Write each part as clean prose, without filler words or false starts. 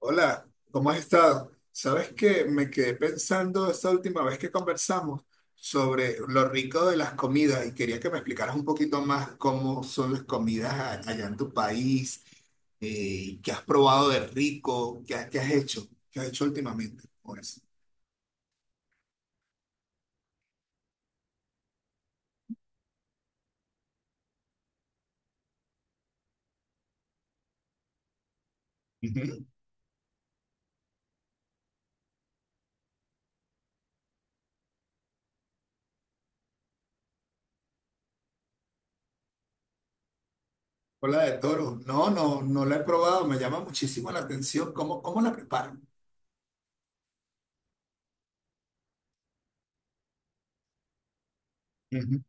Hola, ¿cómo has estado? Sabes que me quedé pensando esta última vez que conversamos sobre lo rico de las comidas y quería que me explicaras un poquito más cómo son las comidas allá en tu país, qué has probado de rico, qué has hecho últimamente. Pues. Ujú. Cola de toro. No, no la he probado, me llama muchísimo la atención. ¿Cómo, cómo la preparan? Ujú.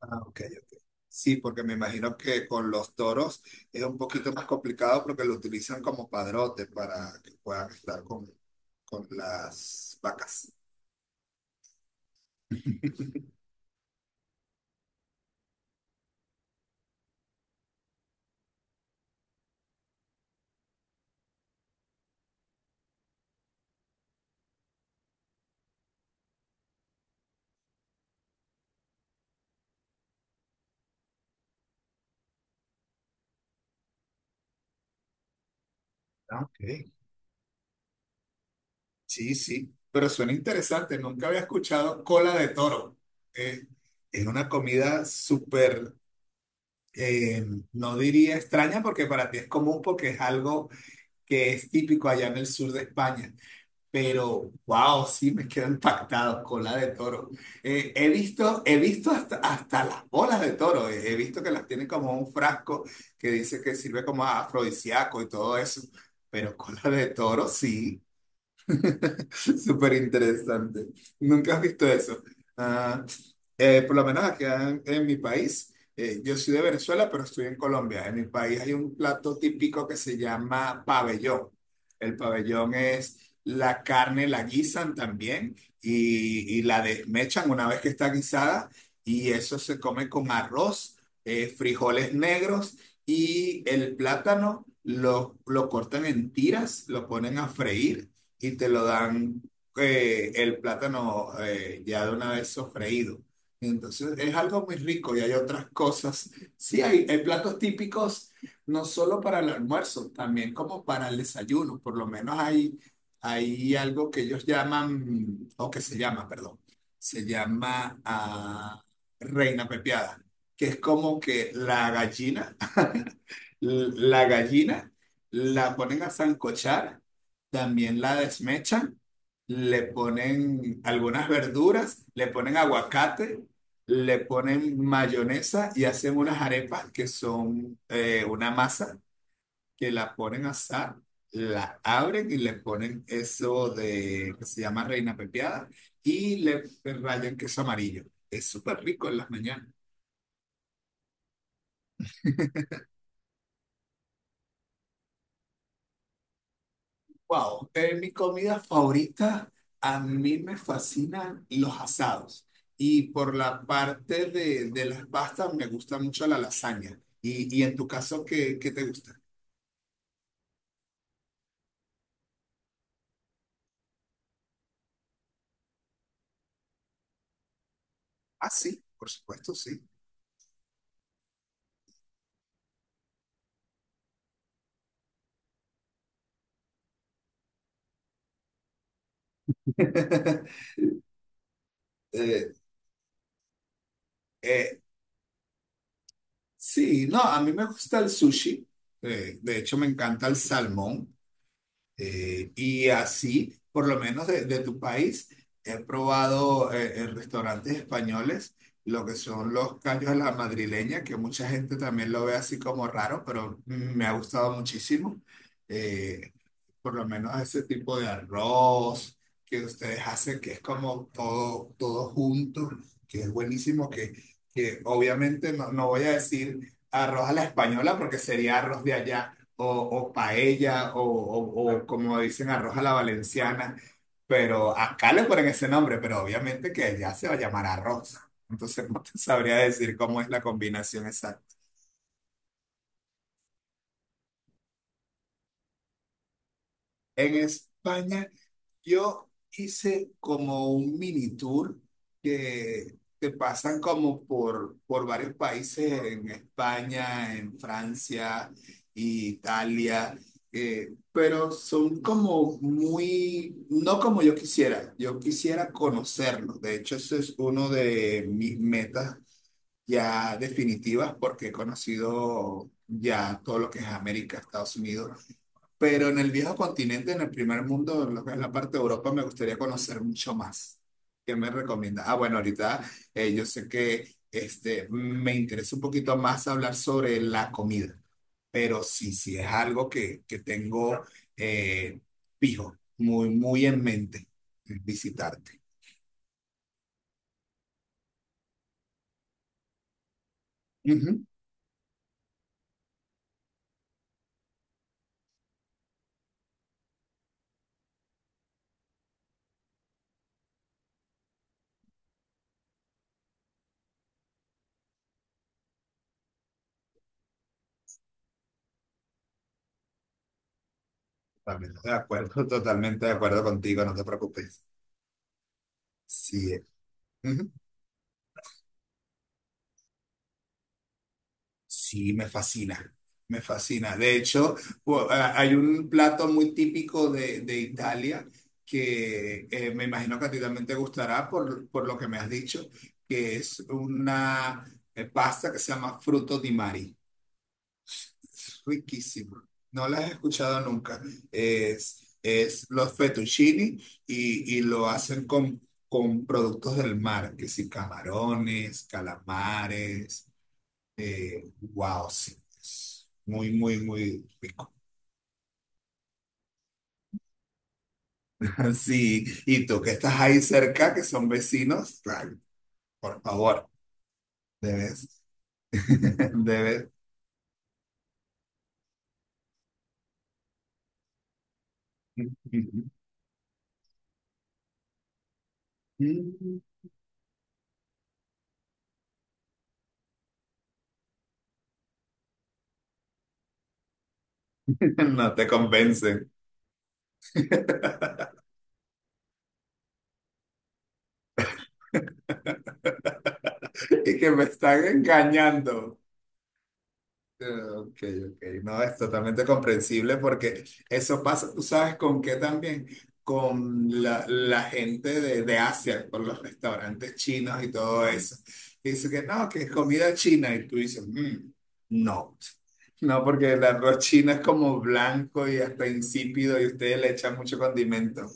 Ah, ok. Sí, porque me imagino que con los toros es un poquito más complicado porque lo utilizan como padrote para que puedan estar con las vacas. Ah, ok. Sí, sí, pero suena interesante. Nunca había escuchado cola de toro. Eh, es una comida súper, eh, no diría extraña porque para ti es común porque es algo que es típico allá en el sur de España. Pero, wow, sí me quedo impactado, cola de toro. He visto hasta, hasta las bolas de toro, he visto que las tienen como un frasco que dice que sirve como afrodisíaco y todo eso, pero cola de toro, sí. Súper interesante. Nunca has visto eso. Ah, por lo menos acá en mi país, yo soy de Venezuela, pero estoy en Colombia. En mi país hay un plato típico que se llama pabellón. El pabellón es la carne, la guisan también y la desmechan una vez que está guisada y eso se come con arroz, frijoles negros y el plátano lo cortan en tiras, lo ponen a freír y te lo dan el plátano ya de una vez sofreído. Entonces es algo muy rico y hay otras cosas. Sí, hay platos típicos no solo para el almuerzo, también como para el desayuno. Por lo menos hay, hay algo que ellos llaman, o que se llama, perdón, se llama reina pepiada, que es como que la gallina la gallina la ponen a sancochar, también la desmechan, le ponen algunas verduras, le ponen aguacate, le ponen mayonesa y hacen unas arepas que son una masa que la ponen a asar, la abren y le ponen eso de que se llama reina pepiada y le rayan queso amarillo. Es súper rico en las mañanas. Wow, mi comida favorita, a mí me fascinan los asados. Y por la parte de las pastas, me gusta mucho la lasaña. Y en tu caso, ¿qué, qué te gusta? Ah, sí, por supuesto, sí. Eh, eh, sí, no, a mí me gusta el sushi. De hecho, me encanta el salmón. Y así, por lo menos de tu país, he probado en restaurantes españoles lo que son los callos a la madrileña, que mucha gente también lo ve así como raro, pero me ha gustado muchísimo. Eh, por lo menos a ese tipo de arroz que ustedes hacen, que es como todo, todo junto, que es buenísimo, que obviamente no, no voy a decir arroz a la española porque sería arroz de allá, o paella, o como dicen arroz a la valenciana, pero acá le ponen ese nombre, pero obviamente que allá se va a llamar arroz. Entonces no te sabría decir cómo es la combinación exacta. En España... Yo hice como un mini tour que te pasan como por varios países en España, en Francia, Italia, pero son como muy, no como yo quisiera conocerlos. De hecho, eso es uno de mis metas ya definitivas porque he conocido ya todo lo que es América, Estados Unidos. Pero en el viejo continente, en el primer mundo, en lo que es la parte de Europa, me gustaría conocer mucho más. ¿Qué me recomienda? Ah, bueno, ahorita yo sé que este, me interesa un poquito más hablar sobre la comida, pero sí, sí es algo que tengo eh, fijo, muy, muy en mente, visitarte. Ujú. Totalmente de acuerdo, totalmente de acuerdo contigo, no te preocupes. Sí. Eh. Ujú. Sí, me fascina, me fascina. De hecho, hay un plato muy típico de Italia que me imagino que a ti también te gustará por lo que me has dicho, que es una pasta que se llama fruto di mari. Es riquísimo. No la he escuchado nunca. Es los fettuccini y lo hacen con productos del mar, que sí, camarones, calamares. Wow, sí. Es muy, muy, muy rico. Sí, y tú que estás ahí cerca, que son vecinos, ay, por favor, debes, debes. No te convencen y que me están engañando. Ok, ok. No, es totalmente comprensible porque eso pasa, tú sabes con qué también, con la, la gente de Asia, por los restaurantes chinos y todo eso. Dice que no, que es comida china y tú dices, "Mm, no, no, porque el arroz chino es como blanco y hasta insípido y ustedes le echan mucho condimento".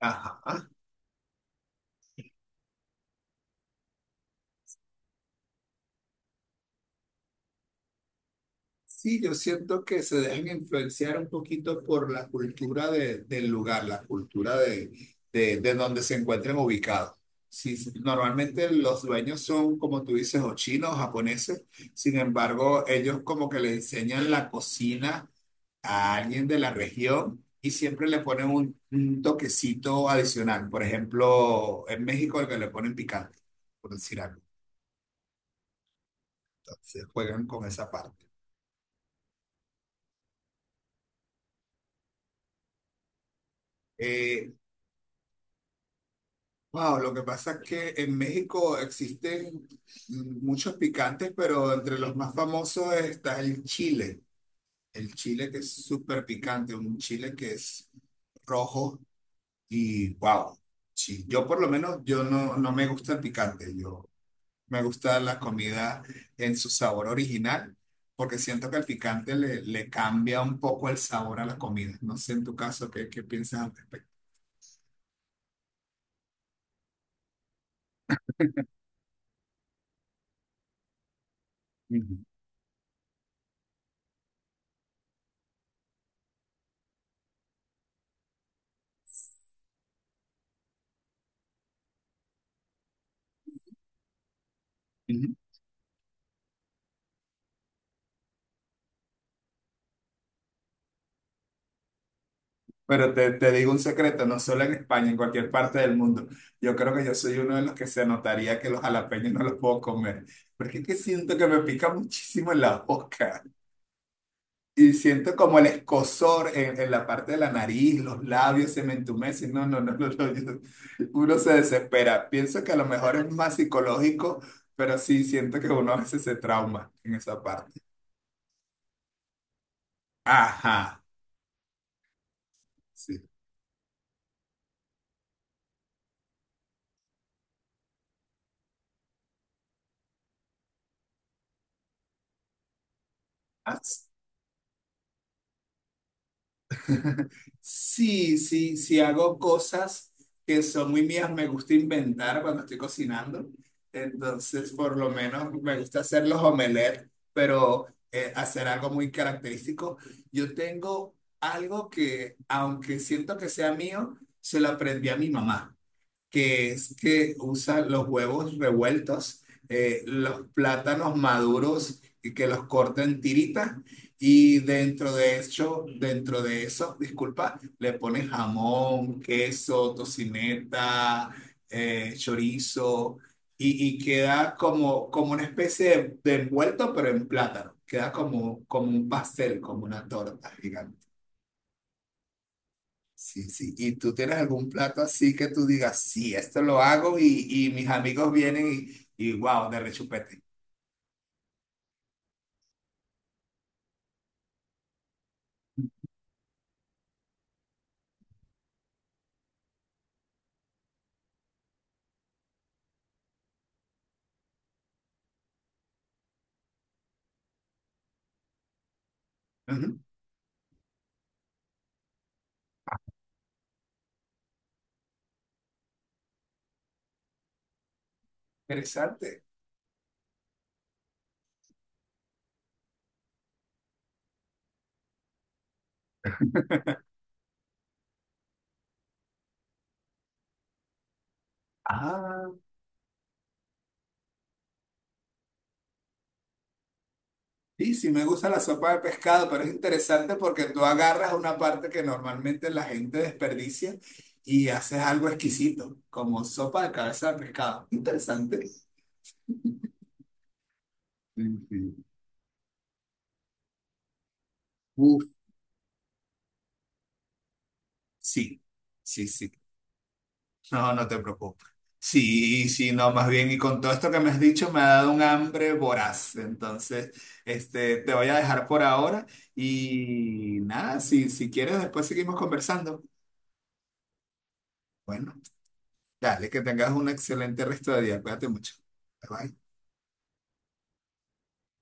Ajá. Sí, yo siento que se dejan influenciar un poquito por la cultura del lugar, la cultura de donde se encuentren ubicados. Sí, sí, normalmente los dueños son, como tú dices, o chinos o japoneses, sin embargo, ellos como que le enseñan la cocina a alguien de la región y siempre le ponen un toquecito adicional. Por ejemplo, en México el que le ponen picante, por decir algo. Entonces juegan con esa parte. Eh, wow, lo que pasa es que en México existen muchos picantes, pero entre los más famosos está el chile. El chile que es súper picante, un chile que es rojo y wow. Sí, yo por lo menos yo no, no me gusta el picante. Yo me gusta la comida en su sabor original, porque siento que el picante le, le cambia un poco el sabor a la comida. No sé en tu caso qué, qué piensas al respecto. Ujú, ujú. Pero te digo un secreto, no solo en España, en cualquier parte del mundo. Yo creo que yo soy uno de los que se notaría que los jalapeños no los puedo comer, porque es que siento que me pica muchísimo en la boca. Y siento como el escozor en la parte de la nariz, los labios se me entumecen. No, no, no, no, no, uno se desespera. Pienso que a lo mejor es más psicológico, pero sí siento que uno a veces se trauma en esa parte. Ajá, sí. Sí, sí, sí hago cosas que son muy mías, me gusta inventar cuando estoy cocinando. Entonces, por lo menos me gusta hacer los omelets, pero hacer algo muy característico. Yo tengo algo que, aunque siento que sea mío, se lo aprendí a mi mamá que es que usa los huevos revueltos, los plátanos maduros y que los corta en tiritas y dentro de eso, disculpa, le pone jamón, queso, tocineta, chorizo y queda como, como una especie de envuelto pero en plátano. Queda como, como un pastel, como una torta gigante. Sí, sí. ¿Y tú tienes algún plato así que tú digas, sí, esto lo hago y mis amigos vienen y wow, de rechupete? Ujú. Interesante. Ah, sí, sí, me gusta la sopa de pescado, pero es interesante porque tú agarras una parte que normalmente la gente desperdicia y haces algo exquisito, como sopa de cabeza de pescado. Interesante. Sí, sí. Uf, sí, sí, sí, no, no te preocupes. Sí, sí, no, más bien, y con todo esto que me has dicho me ha dado un hambre voraz. Entonces, este, te voy a dejar por ahora y nada, si, si quieres, después seguimos conversando. Bueno, dale, que tengas un excelente resto de día. Cuídate mucho. Bye, bye.